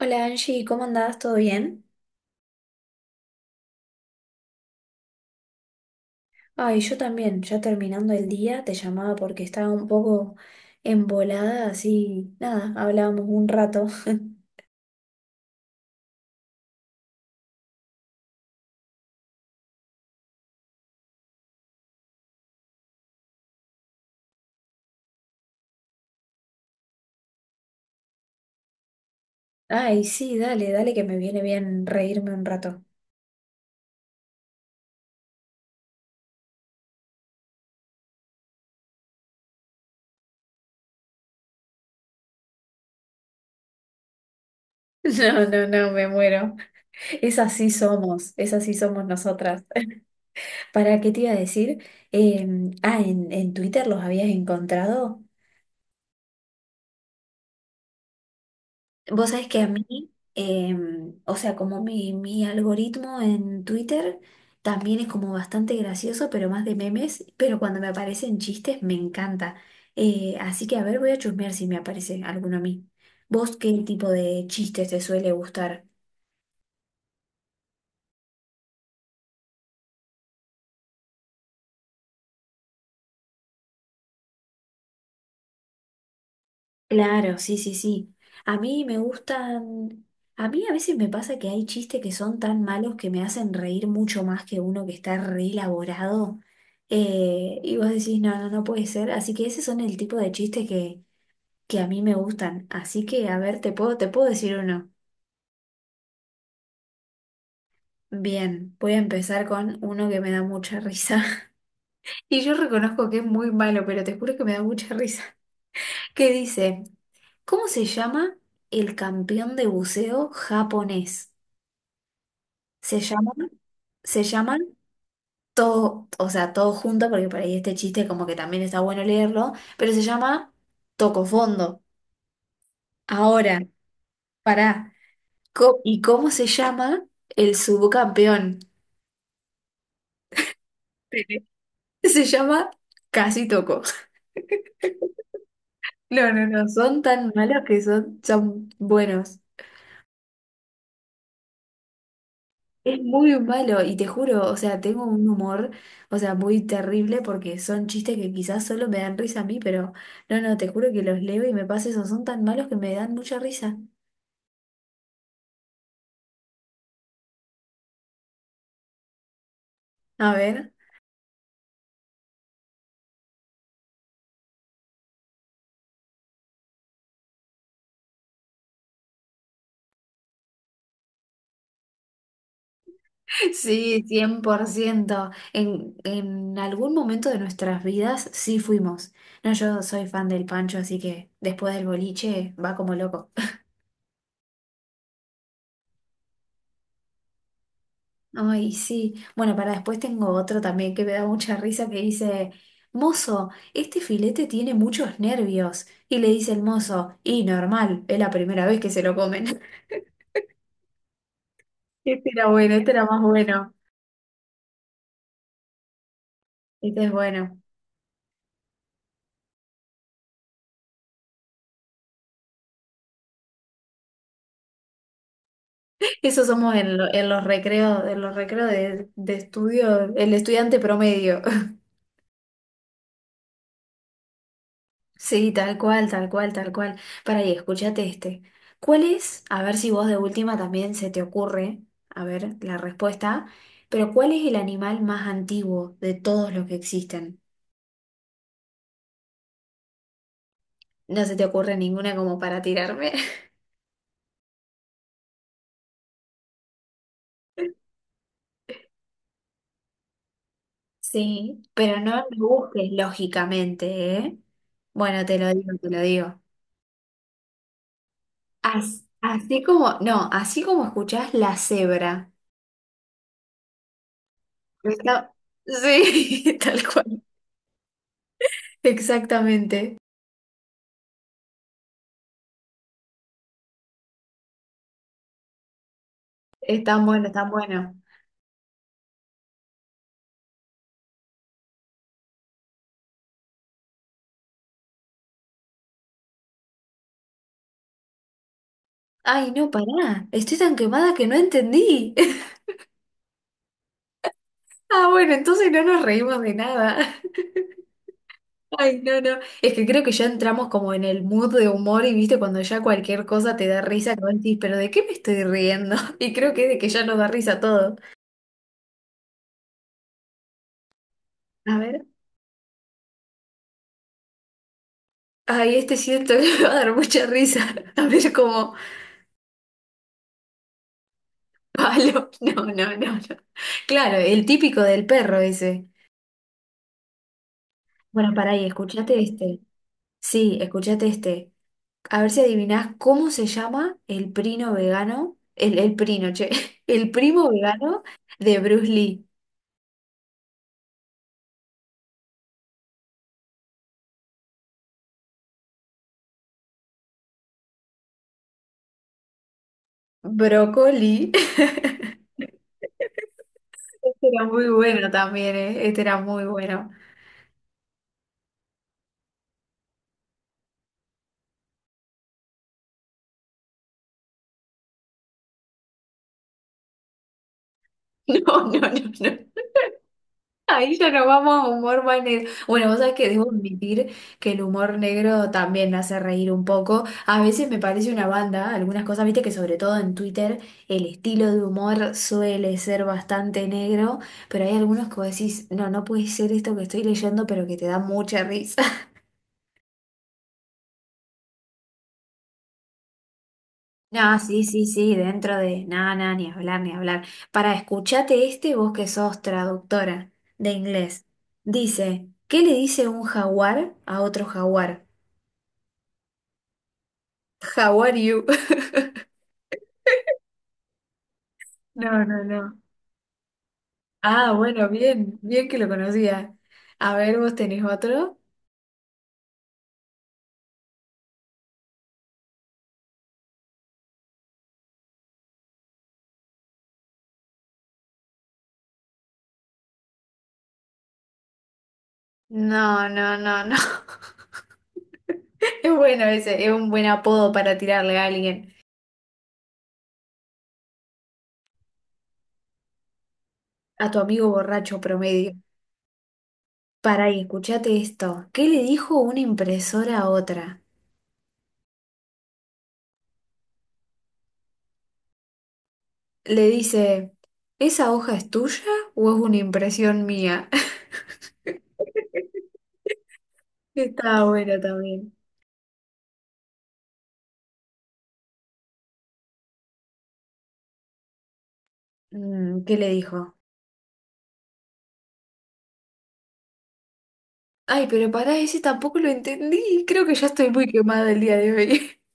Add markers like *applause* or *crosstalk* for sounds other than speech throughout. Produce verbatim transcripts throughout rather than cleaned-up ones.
Hola Angie, ¿cómo andás? ¿Todo bien? Ay, yo también, ya terminando el día, te llamaba porque estaba un poco embolada, así, nada, hablábamos un rato. *laughs* Ay, sí, dale, dale que me viene bien reírme un rato. *laughs* No, no, no, me muero. Es así somos, es así somos nosotras. *laughs* ¿Para qué te iba a decir? Eh, ah, en, en Twitter los habías encontrado. Vos sabés que a mí, em, o sea, como mi, mi algoritmo en Twitter también es como bastante gracioso, pero más de memes, pero cuando me aparecen chistes me encanta. Eh, así que a ver, voy a chusmear si me aparece alguno a mí. ¿Vos qué tipo de chistes te suele gustar? Claro, sí, sí, sí. A mí me gustan, a mí a veces me pasa que hay chistes que son tan malos que me hacen reír mucho más que uno que está re elaborado. Eh, y vos decís, no, no, no puede ser. Así que ese son el tipo de chistes que, que a mí me gustan. Así que, a ver, te puedo, te puedo decir uno. Bien, voy a empezar con uno que me da mucha risa. *laughs* Y yo reconozco que es muy malo, pero te juro que me da mucha risa. *laughs* ¿Qué dice? ¿Cómo se llama el campeón de buceo japonés? Se llaman, se llaman todo, o sea, todo junto, porque por ahí este chiste como que también está bueno leerlo, pero se llama Toco Fondo. Ahora, pará, co- ¿y cómo se llama el subcampeón? *laughs* Se llama Casi Toco. *laughs* No, no, no, son tan malos que son, son buenos. Es muy malo y te juro, o sea, tengo un humor, o sea, muy terrible porque son chistes que quizás solo me dan risa a mí, pero no, no, te juro que los leo y me pasa eso, son tan malos que me dan mucha risa. A ver, *laughs* sí, cien por ciento. En, en algún momento de nuestras vidas sí fuimos. No, yo soy fan del Pancho, así que después del boliche va como loco. Ay, sí. Bueno, para después tengo otro también que me da mucha risa que dice, mozo, este filete tiene muchos nervios. Y le dice el mozo, y normal, es la primera vez que se lo comen. *laughs* Este era bueno, este era más bueno. Este es bueno. Eso somos en, lo- en los recreos, en los recreos de, de estudio, el estudiante promedio. Sí, tal cual, tal cual, tal cual. Para ahí, escúchate este. ¿Cuál es? A ver si vos de última también se te ocurre, a ver la respuesta, pero ¿cuál es el animal más antiguo de todos los que existen? No se te ocurre ninguna como para tirarme. *laughs* Sí, pero no lo busques lógicamente, ¿eh? Bueno, te lo digo, te lo digo. As- así como, no, así como escuchás, la cebra. Está- Sí, *laughs* tal cual. Exactamente. Están buenos, están buenos. Ay, no, pará. Estoy tan quemada que no entendí. *laughs* Ah, bueno, entonces no nos reímos de nada. *laughs* Ay, no, no. Es que creo que ya entramos como en el mood de humor y viste cuando ya cualquier cosa te da risa, que vos decís, pero ¿de qué me estoy riendo? *laughs* Y creo que es de que ya nos da risa todo. A ver. Ay, este siento que me va a dar mucha risa. *laughs* A ver como, palo. *laughs* No, no, no, no. Claro, el típico del perro ese. Bueno, pará, y escuchate este. Sí, escuchate este. A ver si adivinás cómo se llama el primo vegano, el, el primo, che, *laughs* el primo vegano de Bruce Lee. Brócoli. *laughs* Este era muy bueno también, ¿eh? Este era muy bueno. *laughs* No, no, no, no. Ahí ya nos vamos a humor más negro. Bueno, vos sabés que debo admitir que el humor negro también me hace reír un poco. A veces me parece una banda, algunas cosas, viste que sobre todo en Twitter el estilo de humor suele ser bastante negro, pero hay algunos que vos decís, no, no puede ser esto que estoy leyendo, pero que te da mucha risa. *laughs* No, sí, sí, sí, dentro de nada, nada, ni hablar, ni hablar. Para escuchate este, vos que sos traductora de inglés. Dice, ¿qué le dice un jaguar a otro jaguar? How are you? *laughs* No, no, no. Ah, bueno, bien, bien que lo conocía. A ver, ¿vos tenés otro? No, no, no, no. *laughs* Es bueno ese, es un buen apodo para tirarle a alguien, a tu amigo borracho promedio. Para ahí, escuchate esto. ¿Qué le dijo una impresora a otra? Le dice, ¿esa hoja es tuya o es una impresión mía? *laughs* Está bueno también. Mm, ¿qué le dijo? Ay, pero pará, ese tampoco lo entendí. Creo que ya estoy muy quemada el día de hoy. *laughs*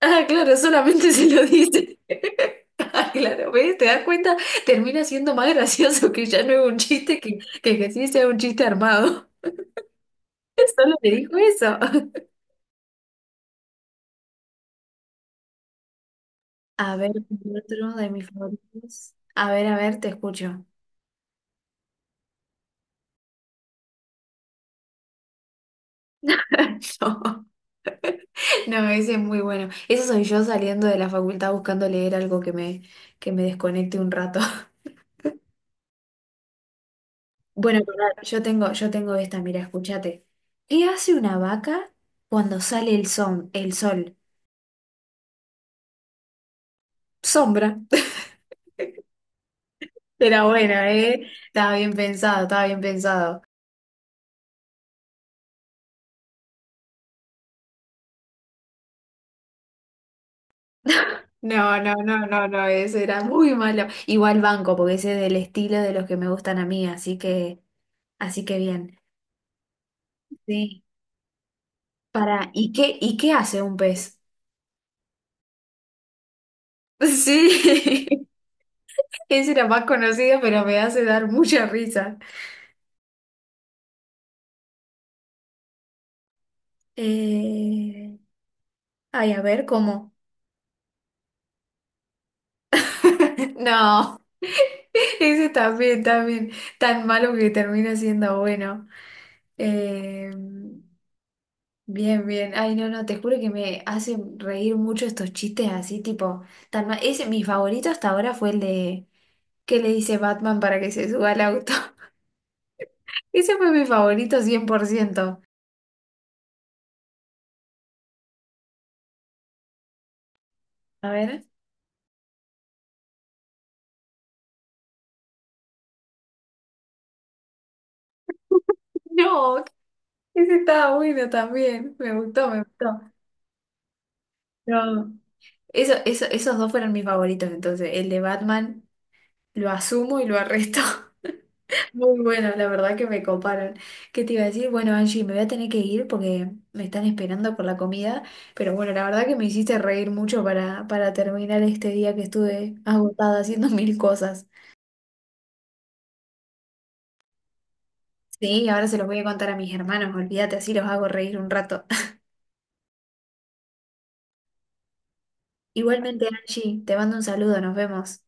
Ah, claro, solamente se lo dice. *laughs* Ah, claro, ¿ves? ¿Te das cuenta? Termina siendo más gracioso que ya no es un chiste, que, que, que sí sea un chiste armado. *laughs* Solo te dijo eso. *laughs* A ver, otro de mis favoritos. A ver, a ver, te escucho. *laughs* No, no, ese es muy bueno. Eso soy yo saliendo de la facultad buscando leer algo que me, que me desconecte un rato. Bueno, pará, yo tengo, yo tengo esta, mira, escúchate. ¿Qué hace una vaca cuando sale el sol? El sol. Sombra. *laughs* Era buena, ¿eh? Estaba bien pensado, estaba bien pensado. No, no, no, no, no, ese era muy malo. Igual banco, porque ese es del estilo de los que me gustan a mí, así que, así que bien. Sí. Para, ¿y qué, ¿y qué hace un pez? *laughs* Sí, *laughs* ese era más conocido, pero me hace dar mucha risa. Eh, ay, a ver, ¿cómo? *laughs* No, ese también, también, tan malo que termina siendo bueno. Eh, bien, bien. Ay, no, no, te juro que me hacen reír mucho estos chistes así, tipo, tan mal. Ese, mi favorito hasta ahora fue el de que le dice Batman para que se suba al auto. *laughs* Ese fue mi favorito cien por ciento. A ver. No, ese estaba bueno también. Me gustó, me gustó. No. Eso, eso, esos dos fueron mis favoritos, entonces, el de Batman. Lo asumo y lo arresto. *laughs* Muy bueno, la verdad que me coparon. ¿Qué te iba a decir? Bueno, Angie, me voy a tener que ir porque me están esperando por la comida. Pero bueno, la verdad que me hiciste reír mucho para, para terminar este día que estuve agotada haciendo *laughs* mil cosas. Sí, ahora se los voy a contar a mis hermanos, olvídate, así los hago reír un rato. *laughs* Igualmente, Angie, te mando un saludo, nos vemos.